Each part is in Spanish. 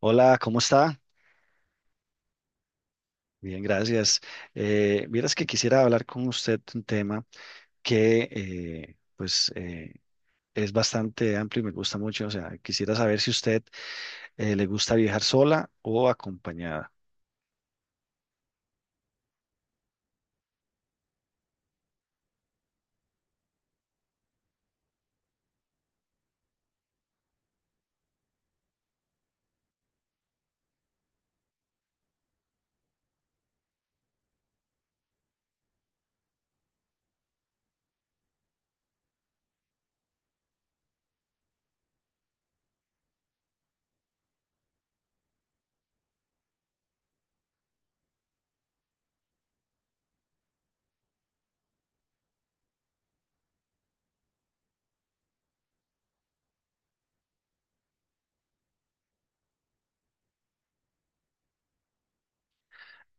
Hola, ¿cómo está? Bien, gracias. Vieras que quisiera hablar con usted un tema que es bastante amplio y me gusta mucho. O sea, quisiera saber si usted le gusta viajar sola o acompañada.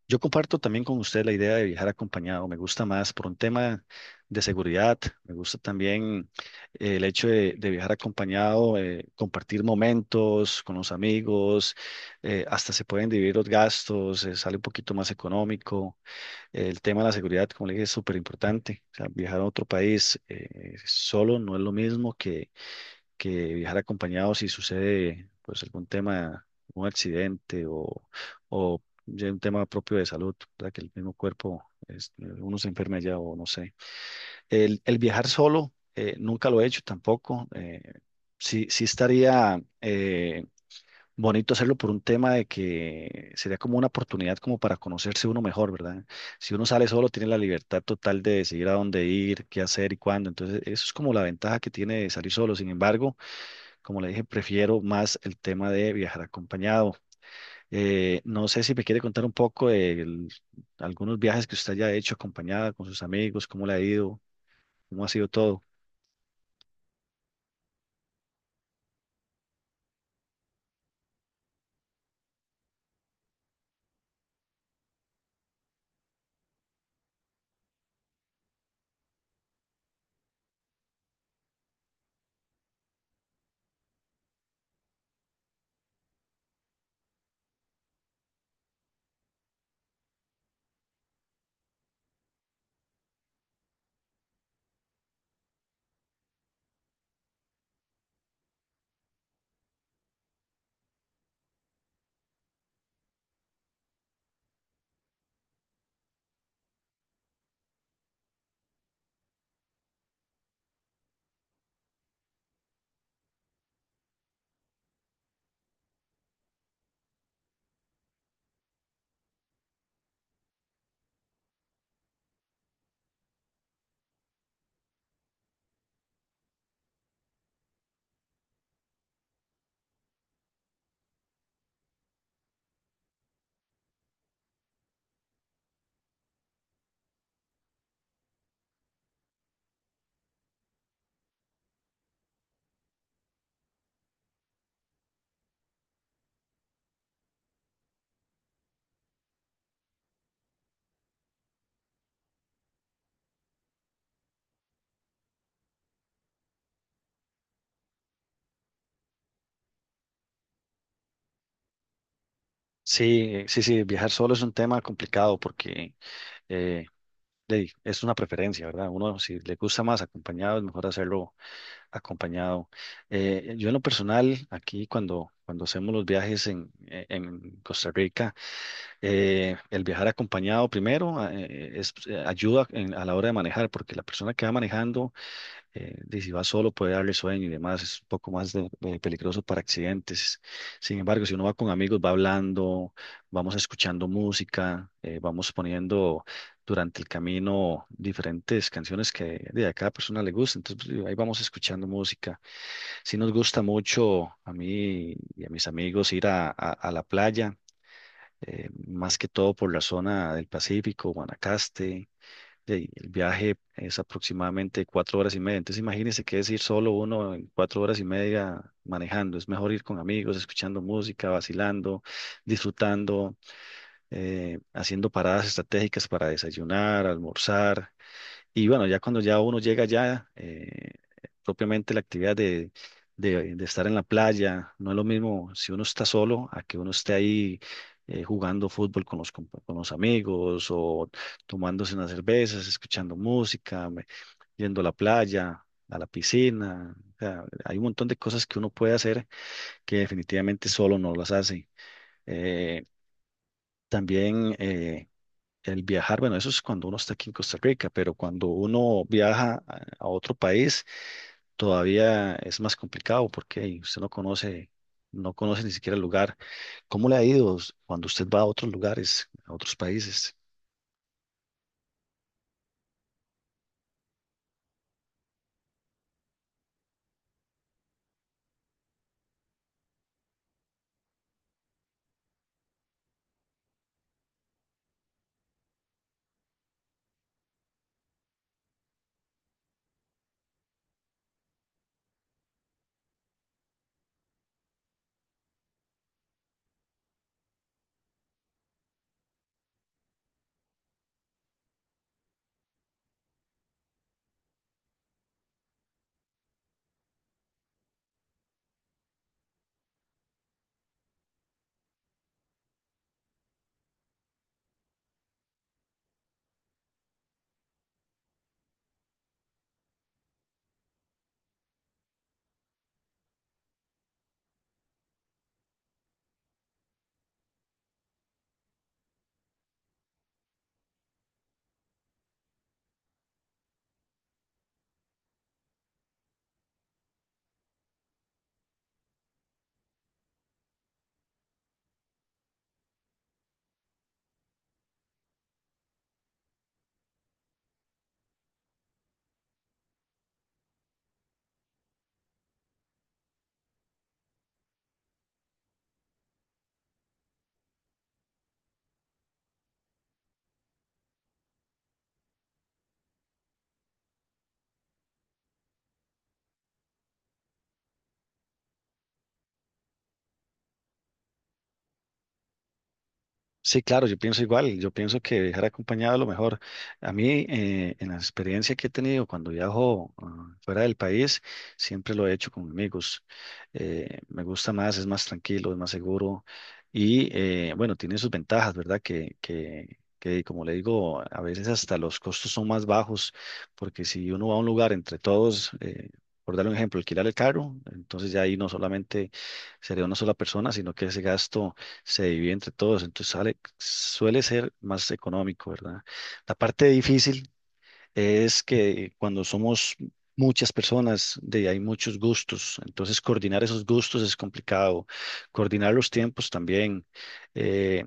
Yo comparto también con usted la idea de viajar acompañado. Me gusta más por un tema de seguridad. Me gusta también el hecho de viajar acompañado, compartir momentos con los amigos, hasta se pueden dividir los gastos, sale un poquito más económico. El tema de la seguridad, como le dije, es súper importante. O sea, viajar a otro país solo no es lo mismo que viajar acompañado si sucede pues algún tema, un accidente o ya un tema propio de salud, ¿verdad? Que el mismo cuerpo, uno se enferma ya o no sé. El viajar solo, nunca lo he hecho tampoco. Sí, estaría... bonito hacerlo por un tema de que sería como una oportunidad como para conocerse uno mejor, ¿verdad? Si uno sale solo, tiene la libertad total de decidir a dónde ir, qué hacer y cuándo. Entonces, eso es como la ventaja que tiene de salir solo. Sin embargo, como le dije, prefiero más el tema de viajar acompañado. No sé si me quiere contar un poco de algunos viajes que usted haya hecho acompañada con sus amigos, cómo le ha ido, cómo ha sido todo. Sí, sí, viajar solo es un tema complicado porque... eh, es una preferencia, ¿verdad? Uno, si le gusta más acompañado, es mejor hacerlo acompañado. Yo en lo personal, aquí cuando hacemos los viajes en Costa Rica, el viajar acompañado primero es, ayuda a la hora de manejar, porque la persona que va manejando de si va solo puede darle sueño y demás, es un poco más de peligroso para accidentes. Sin embargo, si uno va con amigos, va hablando, vamos escuchando música, vamos poniendo durante el camino diferentes canciones que de a cada persona le gusta, entonces pues, ahí vamos escuchando música. Sí nos gusta mucho a mí y a mis amigos ir a la playa. Más que todo por la zona del Pacífico, Guanacaste. Sí, el viaje es aproximadamente cuatro horas y media. Entonces imagínense que es ir solo uno en cuatro horas y media manejando. Es mejor ir con amigos, escuchando música, vacilando, disfrutando, haciendo paradas estratégicas para desayunar, almorzar. Y bueno, ya cuando ya uno llega ya, propiamente la actividad de estar en la playa, no es lo mismo si uno está solo a que uno esté ahí jugando fútbol con los, con los amigos o tomándose unas cervezas, escuchando música, yendo a la playa, a la piscina. O sea, hay un montón de cosas que uno puede hacer que definitivamente solo no las hace. Eh, también el viajar, bueno, eso es cuando uno está aquí en Costa Rica, pero cuando uno viaja a otro país, todavía es más complicado porque hey, usted no conoce, no conoce ni siquiera el lugar. ¿Cómo le ha ido cuando usted va a otros lugares, a otros países? Sí, claro, yo pienso igual, yo pienso que viajar acompañado es lo mejor. A mí, en la experiencia que he tenido cuando viajo fuera del país, siempre lo he hecho con amigos. Me gusta más, es más tranquilo, es más seguro y bueno, tiene sus ventajas, ¿verdad? Que como le digo, a veces hasta los costos son más bajos, porque si uno va a un lugar entre todos... Por dar un ejemplo, alquilar el carro, entonces ya ahí no solamente sería una sola persona, sino que ese gasto se divide entre todos, entonces sale, suele ser más económico, ¿verdad? La parte difícil es que cuando somos muchas personas, de, hay muchos gustos, entonces coordinar esos gustos es complicado, coordinar los tiempos también. eh,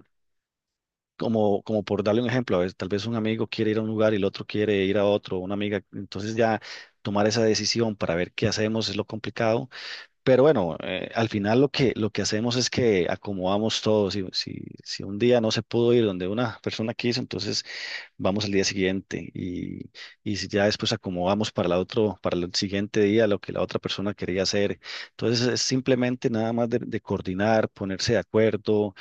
Como, como por darle un ejemplo, a ver, tal vez un amigo quiere ir a un lugar y el otro quiere ir a otro, una amiga, entonces ya tomar esa decisión para ver qué hacemos es lo complicado, pero bueno, al final lo que hacemos es que acomodamos todo. Si un día no se pudo ir donde una persona quiso, entonces vamos al día siguiente y si ya después acomodamos para la otro, para el siguiente día lo que la otra persona quería hacer. Entonces es simplemente nada más de coordinar, ponerse de acuerdo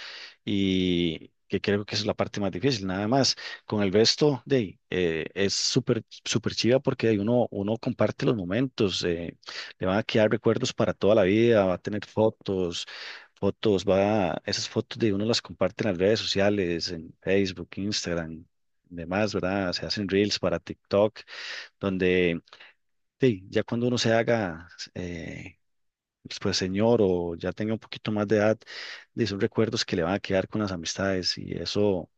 y que creo que esa es la parte más difícil, nada más. Con el resto de ahí, es súper súper chiva porque ahí uno, uno comparte los momentos, le van a quedar recuerdos para toda la vida, va a tener fotos, va, esas fotos de uno las comparte en las redes sociales, en Facebook, Instagram, demás, ¿verdad? Se hacen reels para TikTok, donde sí, ya cuando uno se haga, eh, pues señor o ya tenga un poquito más de edad, de son recuerdos que le van a quedar con las amistades y eso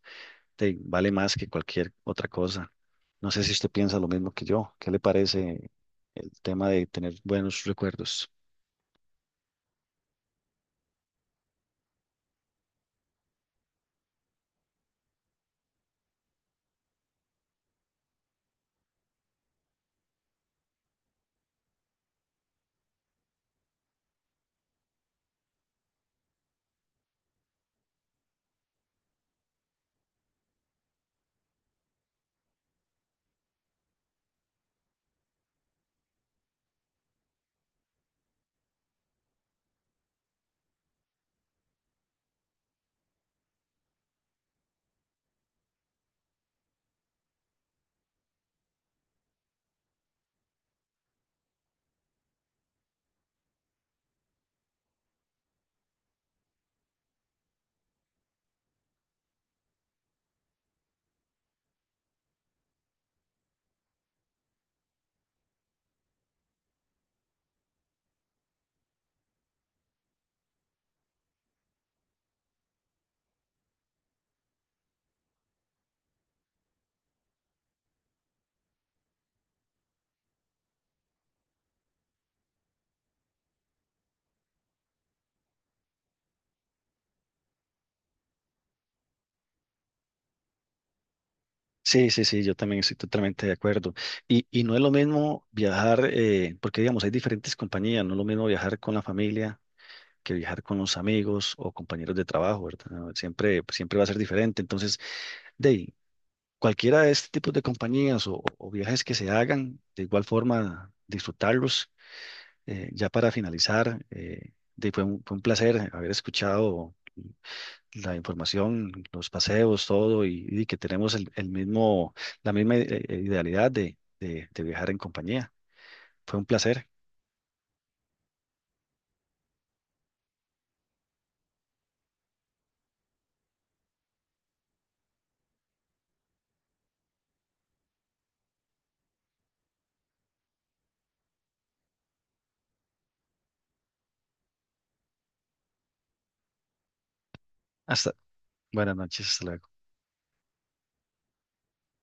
sí, vale más que cualquier otra cosa. No sé si usted piensa lo mismo que yo. ¿Qué le parece el tema de tener buenos recuerdos? Sí, sí, sí, yo también estoy totalmente de acuerdo. Y no es lo mismo viajar, porque digamos, hay diferentes compañías, no es lo mismo viajar con la familia que viajar con los amigos o compañeros de trabajo, ¿verdad? Siempre, siempre va a ser diferente. Entonces, de ahí, cualquiera de este tipo de compañías o viajes que se hagan, de igual forma disfrutarlos. Ya para finalizar, fue un placer haber escuchado la información, los paseos, todo, y que tenemos el mismo, la misma idealidad de, de viajar en compañía. Fue un placer. Hasta buenas noches. Hasta luego.